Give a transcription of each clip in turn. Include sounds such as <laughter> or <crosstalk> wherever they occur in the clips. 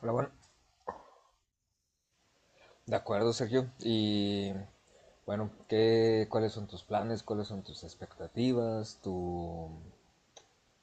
Hola, bueno, de acuerdo, Sergio. Y bueno, ¿Cuáles son tus planes? ¿Cuáles son tus expectativas? Tu,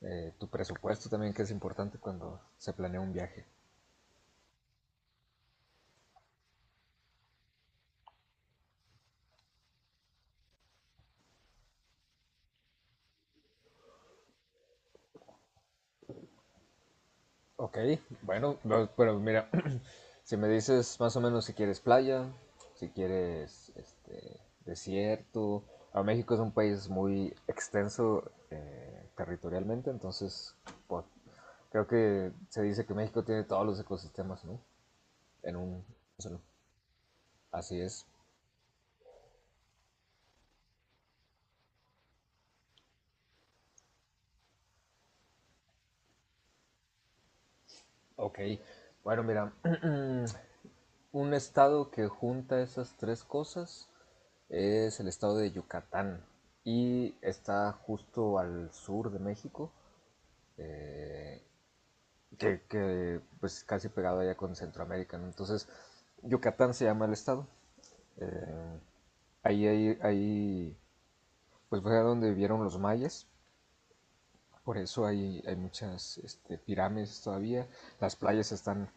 eh, tu presupuesto también, que es importante cuando se planea un viaje. Ok, bueno, no, pero mira, <clears throat> si me dices más o menos si quieres playa, si quieres desierto. A México es un país muy extenso territorialmente, entonces po- creo que se dice que México tiene todos los ecosistemas, ¿no? En un solo. Así es. Ok. Bueno, mira, <clears throat> un estado que junta esas tres cosas es el estado de Yucatán y está justo al sur de México, eh, pues casi pegado allá con Centroamérica, ¿no? Entonces, Yucatán se llama el estado. Eh, ahí, pues fue donde vivieron los mayas, por eso hay muchas pirámides todavía, las playas están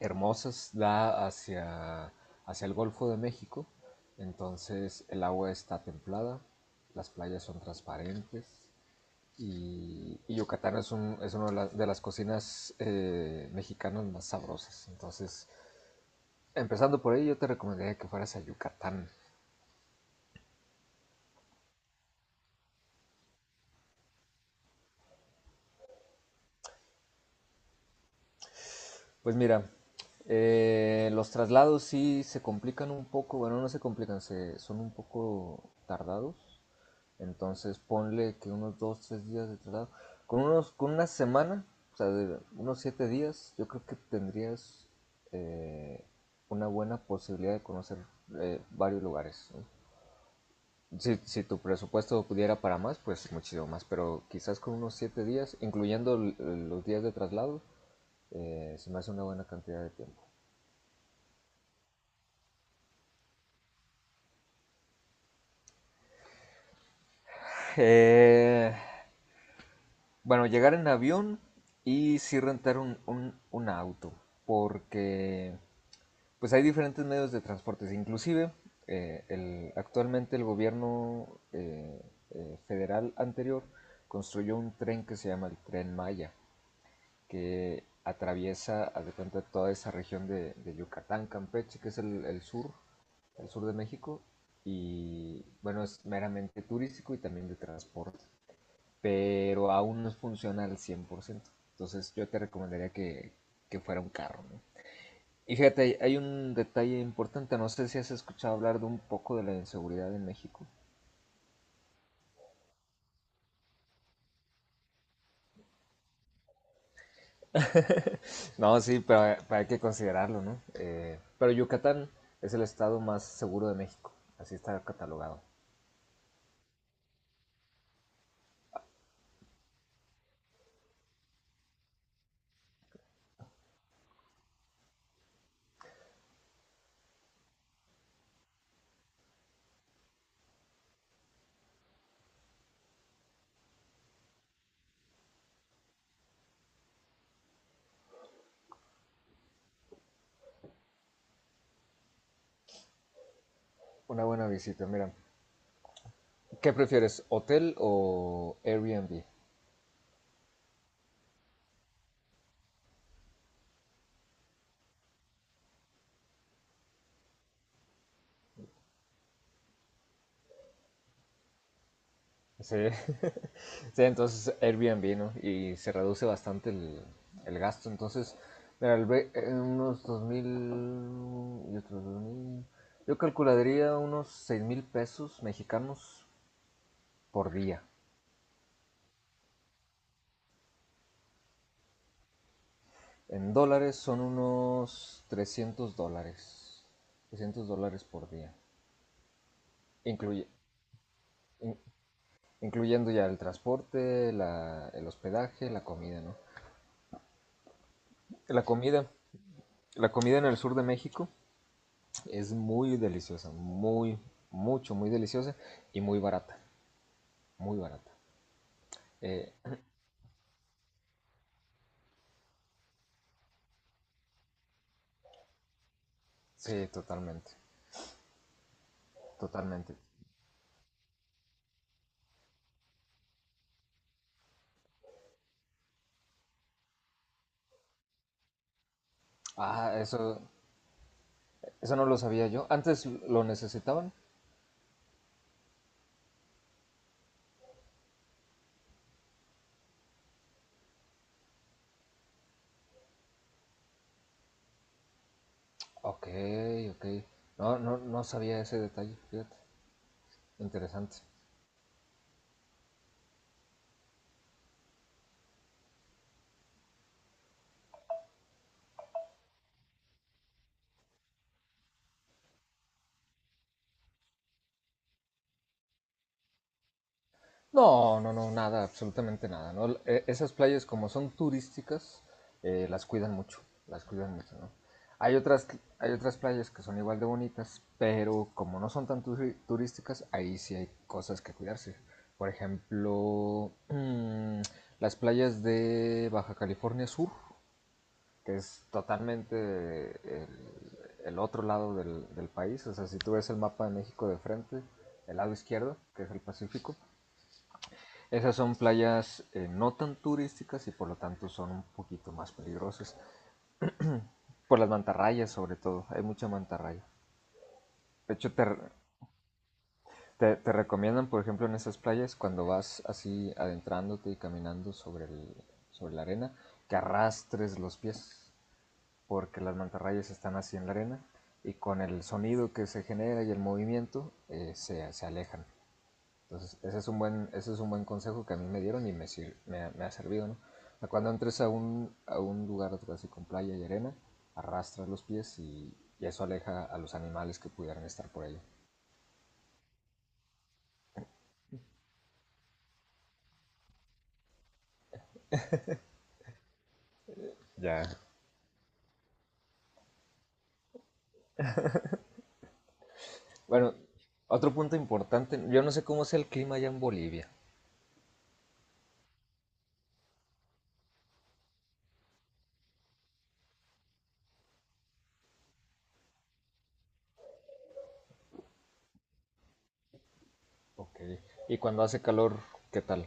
hermosas, da hacia el Golfo de México, entonces el agua está templada, las playas son transparentes y Yucatán es, es una de las cocinas mexicanas más sabrosas. Entonces, empezando por ahí, yo te recomendaría que fueras a Yucatán. Pues mira, los traslados sí se complican un poco, bueno, no se complican, son un poco tardados. Entonces ponle que unos dos, tres días de traslado. Con una semana, o sea, de unos 7 días, yo creo que tendrías eh, una buena posibilidad de conocer varios lugares, ¿no? Si tu presupuesto pudiera para más, pues muchísimo más, pero quizás con unos 7 días, incluyendo los días de traslado, se me hace una buena cantidad de tiempo. Eh, bueno, llegar en avión y sí rentar un auto, porque pues hay diferentes medios de transportes, inclusive actualmente el gobierno federal anterior construyó un tren que se llama el tren Maya, que atraviesa, haz de cuenta, toda esa región de Yucatán, Campeche, que es el sur de México, y bueno, es meramente turístico y también de transporte, pero aún no es funcional al 100%. Entonces yo te recomendaría que fuera un carro, ¿no? Y fíjate, hay un detalle importante, no sé si has escuchado hablar de un poco de la inseguridad en México. <laughs> No, sí, pero hay que considerarlo, ¿no? Pero Yucatán es el estado más seguro de México, así está catalogado. Una buena visita, mira. ¿Qué prefieres, hotel o Airbnb? Sí. <laughs> Sí, entonces Airbnb, ¿no? Y se reduce bastante el gasto. Entonces, mira, unos 2.000 y otros dos mil. Yo calcularía unos 6.000 pesos mexicanos por día. En dólares son unos 300 dólares. 300 dólares por día. Incluye, in- incluyendo ya el transporte, el hospedaje, la comida, ¿no? La comida, la comida en el sur de México es muy deliciosa, muy deliciosa y muy barata, muy barata. Eh, sí, totalmente, totalmente. Ah, eso no lo sabía yo. Antes lo necesitaban. Ok, ok. No, no, no sabía ese detalle, fíjate. Interesante. No, no, no, nada, absolutamente nada, ¿no? Esas playas como son turísticas, eh, las cuidan mucho, las cuidan mucho, ¿no? Hay otras, hay otras playas que son igual de bonitas, pero como no son tan turísticas, ahí sí hay cosas que cuidarse. Por ejemplo, <clears throat> las playas de Baja California Sur, que es totalmente el, el otro lado del país. O sea, si tú ves el mapa de México de frente, el lado izquierdo, que es el Pacífico, esas son playas no tan turísticas y por lo tanto son un poquito más peligrosas. Por las mantarrayas sobre todo, hay mucha mantarraya. De hecho, te recomiendan, por ejemplo, en esas playas, cuando vas así adentrándote y caminando sobre la arena, que arrastres los pies, porque las mantarrayas están así en la arena y con el sonido que se genera y el movimiento se alejan. Entonces, ese es un buen consejo que a mí me dieron y me ha servido, ¿no? Cuando entres a un lugar así con playa y arena, arrastra los pies y eso aleja a los animales que pudieran estar por ahí. Ya. Bueno, otro punto importante, yo no sé cómo sea el clima allá en Bolivia. Ok. Y cuando hace calor, ¿qué tal?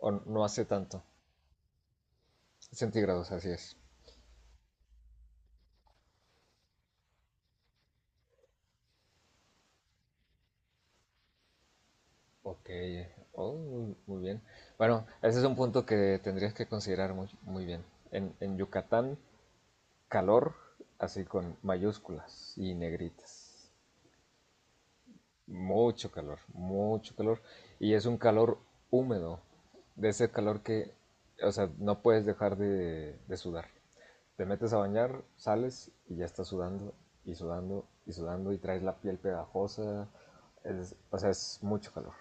O no hace tanto. Centígrados, así es. Ok. Oh, muy, muy bien. Bueno, ese es un punto que tendrías que considerar muy, muy bien. En Yucatán calor, así con mayúsculas y negritas. Mucho calor, mucho calor. Y es un calor húmedo, de ese calor que, o sea, no puedes dejar de sudar. Te metes a bañar, sales y ya estás sudando y sudando y sudando y traes la piel pegajosa. O sea, es mucho calor.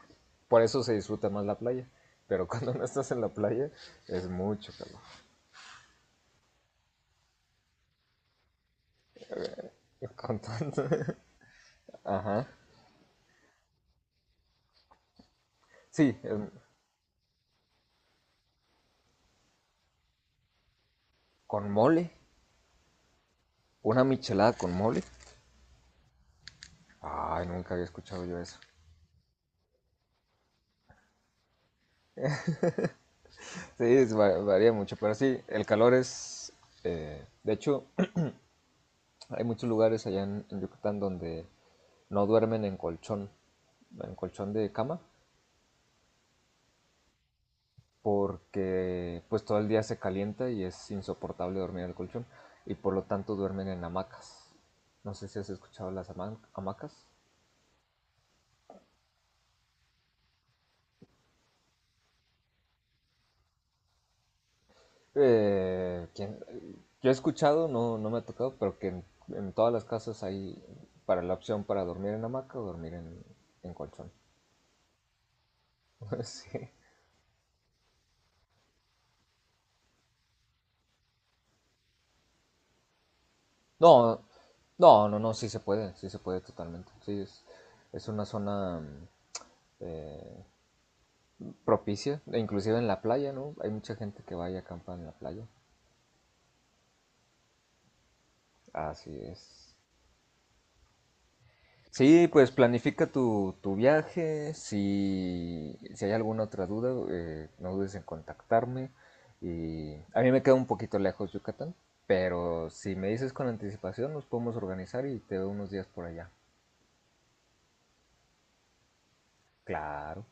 Por eso se disfruta más la playa. Pero <laughs> cuando no estás en la playa, es mucho calor. <laughs> Con tanto... Ajá. Sí, con mole. ¿Una michelada con mole? Ay, nunca había escuchado yo eso. Sí, es varía mucho, pero sí, el calor es... de hecho, <clears throat> hay muchos lugares allá en Yucatán donde no duermen en colchón de cama, porque pues todo el día se calienta y es insoportable dormir en el colchón, y por lo tanto duermen en hamacas. No sé si has escuchado las hamacas. ¿Quién? Yo he escuchado, no, no me ha tocado, pero que en todas las casas hay para la opción para dormir en hamaca o dormir en colchón. <laughs> Sí. No, no, no, no, sí se puede totalmente. Sí, es una zona eh, propicia, e inclusive en la playa, ¿no? Hay mucha gente que va y acampa en la playa. Así es. Sí, pues planifica tu viaje. Si hay alguna otra duda, no dudes en contactarme. Y a mí me queda un poquito lejos Yucatán, pero si me dices con anticipación, nos podemos organizar y te veo unos días por allá. Claro,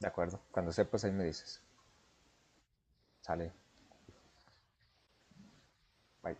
de acuerdo. Cuando sepas, ahí me dices. Sale, bye.